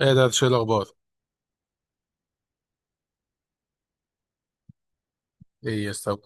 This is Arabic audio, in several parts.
ايه ده، شو الاخبار؟ ايه يا استاذ؟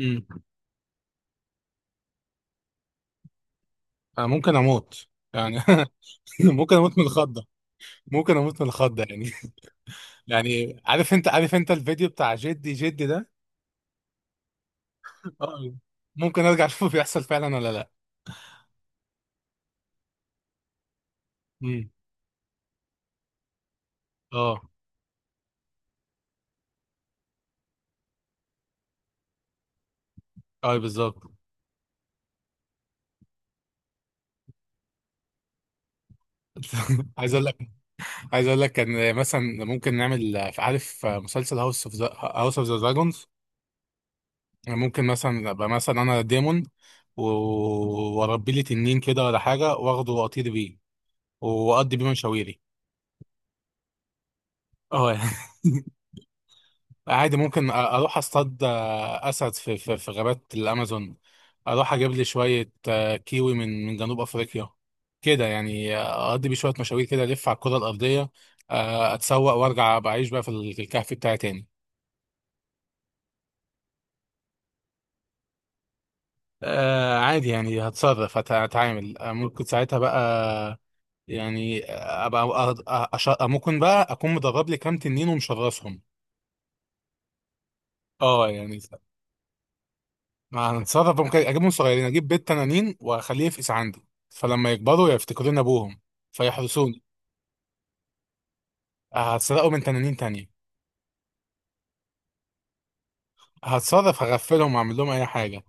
امم انا ممكن اموت يعني. ممكن اموت من الخضه. ممكن اموت من الخضه يعني. يعني عارف، انت عارف انت الفيديو بتاع جدي جدي ده. اه، ممكن ارجع اشوفه بيحصل فعلا ولا لا. امم اه اه، بالظبط. عايز اقول لك، كان مثلا ممكن نعمل، عارف مسلسل هاوس اوف ذا، دراجونز؟ ممكن مثلا ابقى مثلا انا ديمون، و- واربي لي تنين كده ولا حاجه، واخده واطير بيه واقضي بيه مشاويري. اه يعني. عادي ممكن اروح اصطاد اسد في غابات الامازون. اروح اجيب لي شويه كيوي من جنوب افريقيا. كده يعني اقضي بيه شويه مشاوير كده، الف على الكره الارضيه، اتسوق وارجع بعيش بقى في في الكهف بتاعي تاني. عادي يعني هتصرف، هتعامل، ممكن ساعتها بقى يعني ابقى ممكن بقى اكون مدرب لي كام تنين ومشرسهم. اه يعني. ما هنتصرف، ممكن اجيبهم صغيرين، اجيب بيت تنانين واخليه يفقس عندي. فلما يكبروا يفتكرون ابوهم فيحرسوني. هتسرقوا من تنانين تانية. هتصرف، هغفلهم واعمل لهم اي حاجه.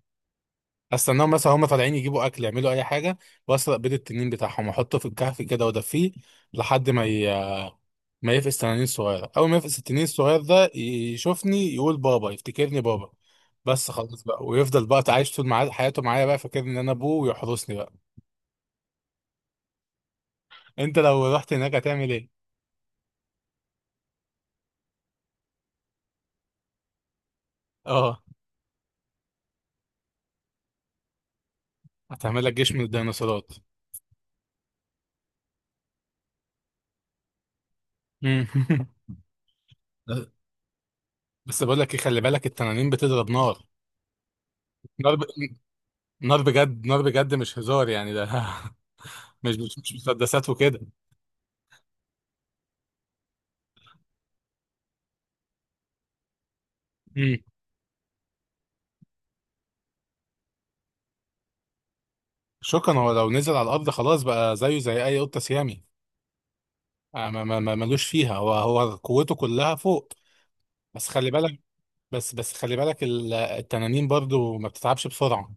استناهم مثلا هم طالعين يجيبوا اكل يعملوا اي حاجه، واسرق بيض التنين بتاعهم واحطه في الكهف كده وادفيه لحد ما يفقس تنانين صغيره. اول ما يفقس التنين الصغير ده يشوفني يقول بابا، يفتكرني بابا بس خلاص بقى، ويفضل بقى عايش طول حياته معايا بقى فاكر ان انا ابوه ويحرسني بقى. انت لو رحت هناك هتعمل ايه؟ اه هتعمل لك جيش من الديناصورات. مم. بس بقول لك ايه، خلي بالك التنانين بتضرب نار. نار ب... نار بجد، نار بجد، مش هزار يعني ده. مش مسدسات وكده. مم. شكرا. هو لو نزل على الارض خلاص بقى زيه زي اي قطه سيامي. ملوش فيها، هو قوته كلها فوق. بس خلي بالك. بس خلي بالك التنانين برضو ما بتتعبش بسرعه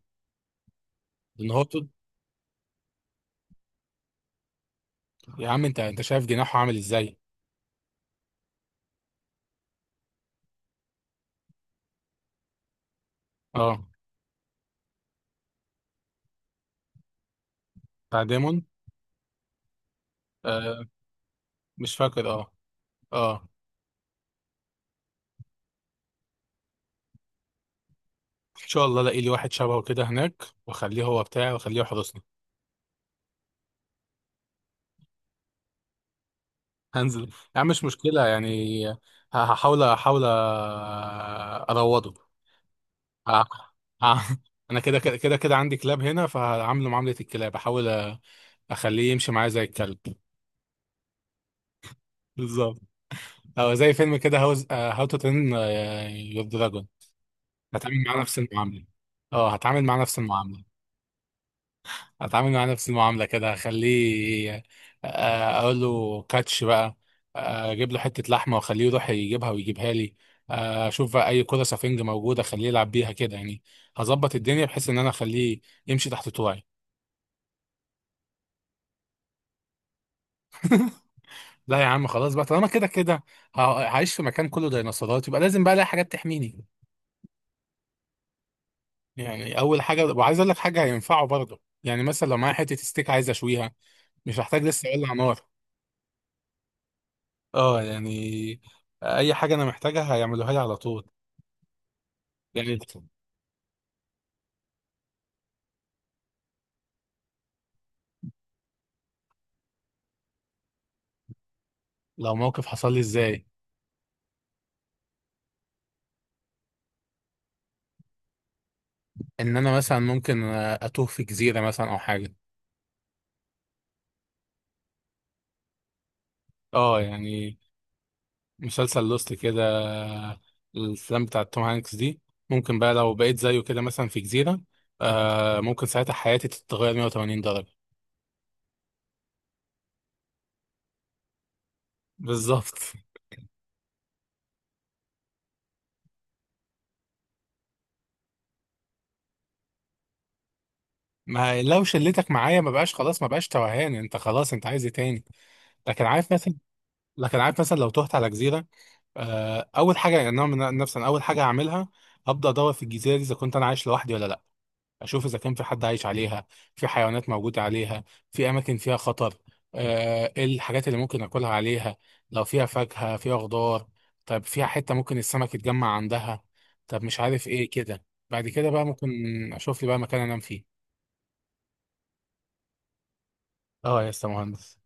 لان يا عم، انت شايف جناحه عامل ازاي. اه بتاع ديمون. آه، مش فاكر. اه اه. ان شاء الله الاقي لي واحد شبهه كده هناك، واخليه هو بتاعي واخليه يحرسني. هنزل. يا عم مش مشكله يعني. هحاول، احاول اروضه. ه- ه- انا كده كده كده عندي كلاب هنا، فهعامله معامله الكلاب. احاول اخليه يمشي معايا زي الكلب. بالظبط. او زي فيلم كده هاوز، هاو تو ترين يور دراجون. هتعامل معاه نفس المعامله. اه هتعامل معاه نفس المعامله. اتعامل مع نفس المعامله كده، اخليه اقول له كاتش بقى، اجيب له حته لحمه واخليه يروح يجيبها ويجيبها لي، اشوف بقى اي كره سفنج موجوده اخليه يلعب بيها كده يعني. هظبط الدنيا بحيث ان انا اخليه يمشي تحت طوعي. لا يا عم، خلاص بقى، طالما كده كده هعيش في مكان كله ديناصورات، يبقى لازم بقى الاقي حاجات تحميني. يعني اول حاجه، وعايز اقول لك حاجه هينفعه برضه، يعني مثلا لو معايا حته ستيك عايز اشويها، مش هحتاج لسه اولع نار. اه يعني. اي حاجه انا محتاجها هيعملوها لي على طول. يعني لو موقف حصل لي ازاي؟ ان انا مثلا ممكن اتوه في جزيره مثلا او حاجه. اه يعني. مسلسل لوست كده، الافلام بتاعت توم هانكس دي. ممكن بقى لو بقيت زيه كده مثلا في جزيره، آه ممكن ساعتها حياتي تتغير 180 درجه. بالظبط. ما لو شلتك معايا ما بقاش خلاص، ما بقاش توهان انت خلاص، انت عايز ايه تاني؟ لكن عارف مثلا، لو تهت على جزيره، اول حاجه يعني انا من نفسي، أنا اول حاجه هعملها هبدا ادور في الجزيره دي اذا كنت انا عايش لوحدي ولا لا. اشوف اذا كان في حد عايش عليها، في حيوانات موجوده عليها، في اماكن فيها خطر، ايه الحاجات اللي ممكن اكلها عليها، لو فيها فاكهه فيها خضار، طب فيها حته ممكن السمك يتجمع عندها، طب مش عارف ايه كده. بعد كده بقى ممكن اشوف لي بقى مكان انام فيه. اه يا اسطى مهندس.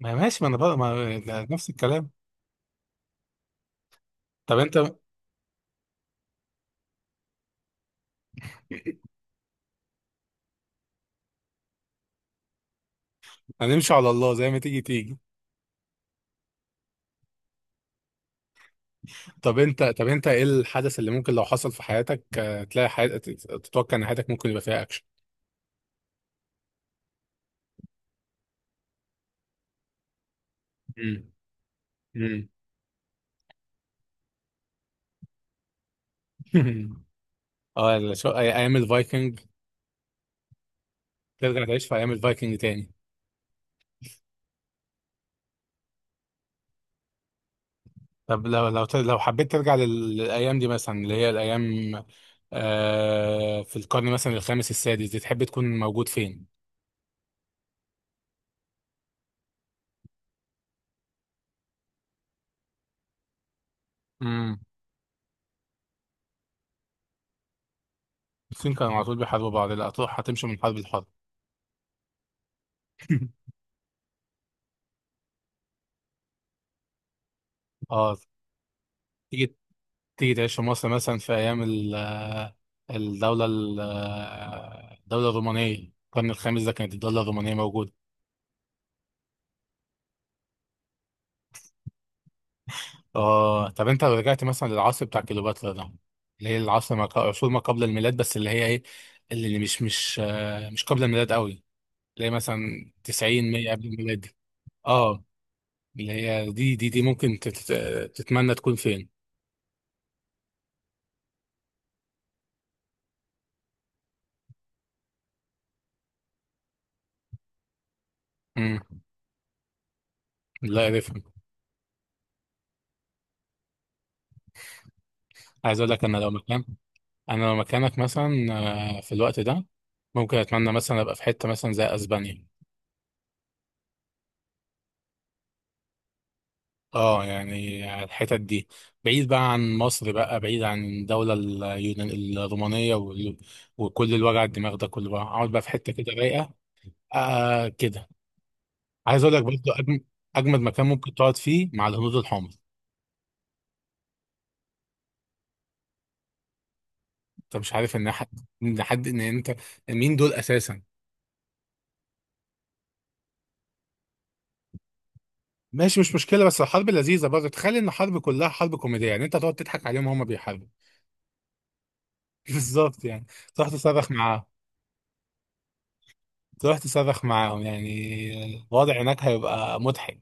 ما ماشي، ما انا بقى ما ده نفس الكلام. طب انت، هنمشي على الله زي ما تيجي تيجي. طب انت، ايه الحدث اللي ممكن لو حصل في حياتك تلاقي حياتك، تتوقع ان حياتك ممكن يبقى فيها اكشن؟ امم امم اه ايام الفايكنج؟ ترجع تعيش في ايام الفايكنج تاني؟ طب لو لو حبيت ترجع للايام دي، مثلا اللي هي الايام في القرن مثلا الخامس السادس دي، تحب تكون موجود فين؟ امم. الصين كانوا على طول بيحاربوا بعض، لا هتروح هتمشي من حرب لحرب. اه. تيجي تيجي تعيش في مصر مثلا في ايام الدولة الدولة الرومانية. القرن الخامس ده كانت الدولة الرومانية موجودة. اه، طب انت لو رجعت مثلا للعصر بتاع كليوباترا ده، اللي هي العصر ما ق- عصور ما قبل الميلاد، بس اللي هي ايه، اللي مش مش مش قبل الميلاد قوي، اللي هي مثلا 90 100 قبل الميلاد دي. اه، اللي هي دي ممكن تتمنى تكون فين. امم. لا اعرفها. عايز اقول لك انا لو مكان، انا لو مكانك مثلا في الوقت ده، ممكن اتمنى مثلا ابقى في حته مثلا زي اسبانيا. اه يعني الحتت دي، بعيد بقى عن مصر، بقى بعيد عن الدولة اليونان الرومانية وكل الوجع الدماغ ده كله، بقى اقعد بقى في حتة كده رايقة. آه كده. عايز اقول لك برضه اجمد مكان ممكن تقعد فيه، مع الهنود الحمر. انت مش عارف ان حد، ان انت مين، دول اساسا؟ ماشي مش مشكلة، بس الحرب لذيذة برضه، تخيل ان الحرب كلها حرب كوميدية، يعني انت تقعد تضحك عليهم وهم بيحاربوا. بالظبط يعني. تروح تصرخ معاهم. يعني الوضع هناك هيبقى مضحك.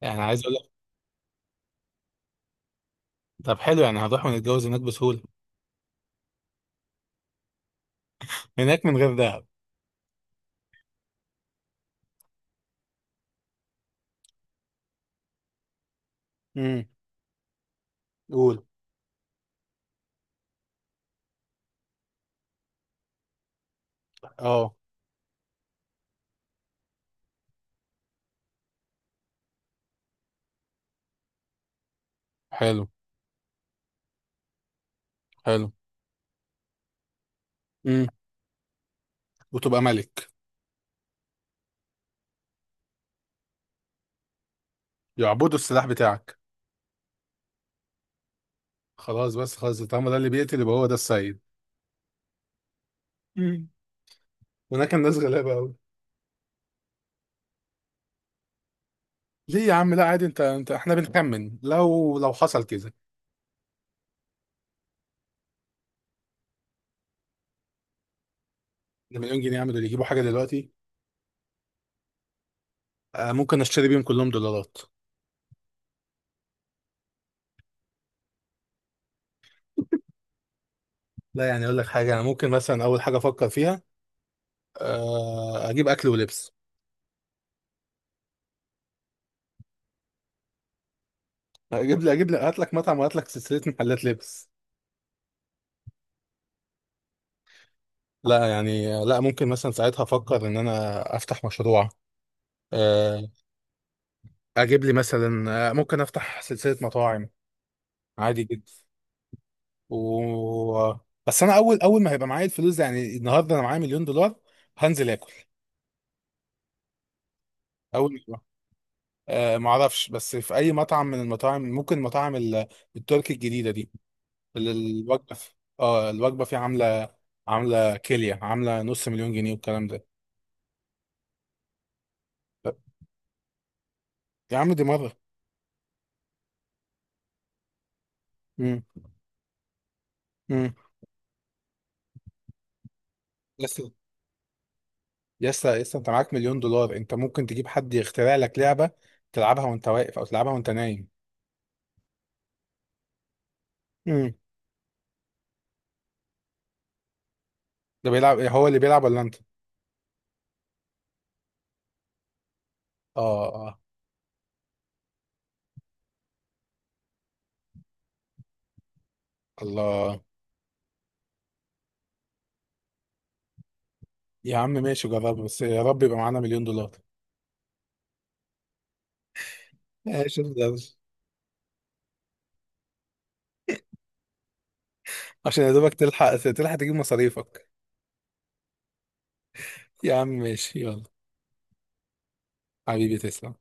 يعني عايز اقول لك، طب حلو يعني هنروح ونتجوز هناك بسهولة. هناك من غير دهب. امم. قول. اه حلو، حلو. امم. وتبقى ملك. يعبدوا السلاح بتاعك. خلاص بس، خلاص، طالما ده اللي بيقتل يبقى هو ده السيد. امم. هناك الناس غلابة قوي. ليه يا عم؟ لا عادي، انت احنا بنخمن، لو حصل كذا. المليون جنيه يعملوا اللي يجيبوا حاجة دلوقتي. آه، ممكن اشتري بيهم كلهم دولارات. لا يعني اقول لك حاجة، انا ممكن مثلا اول حاجة افكر فيها، آه اجيب اكل ولبس. اجيب لي هات لك مطعم وهات لك سلسلة محلات لبس. لا يعني، لا ممكن مثلا ساعتها افكر ان انا افتح مشروع آه، اجيب لي مثلا ممكن افتح سلسله مطاعم. عادي جدا. و، بس انا اول، ما هيبقى معايا الفلوس دي، يعني النهارده انا معايا مليون دولار، هنزل اكل. اول ما أه ما اعرفش بس في اي مطعم من المطاعم، ممكن مطاعم التركي الجديده دي، ال- الوجبه في- اه الوجبه فيه عامله، عامله كيليا، عامله نص مليون جنيه والكلام ده. طب، يا عم دي مره. امم. امم بس يسا، انت معاك مليون دولار، انت ممكن تجيب حد يخترع لك لعبة تلعبها وانت واقف او تلعبها وانت نايم. امم. ده بيلعب، هو اللي بيلعب ولا انت؟ اه، اه. الله. يا عم ماشي، جرب، بس يا رب يبقى معانا مليون دولار. ماشي ده. عشان يا دوبك تلحق، تجيب مصاريفك. يا عم ماشي، يلا. حبيبي تسلم.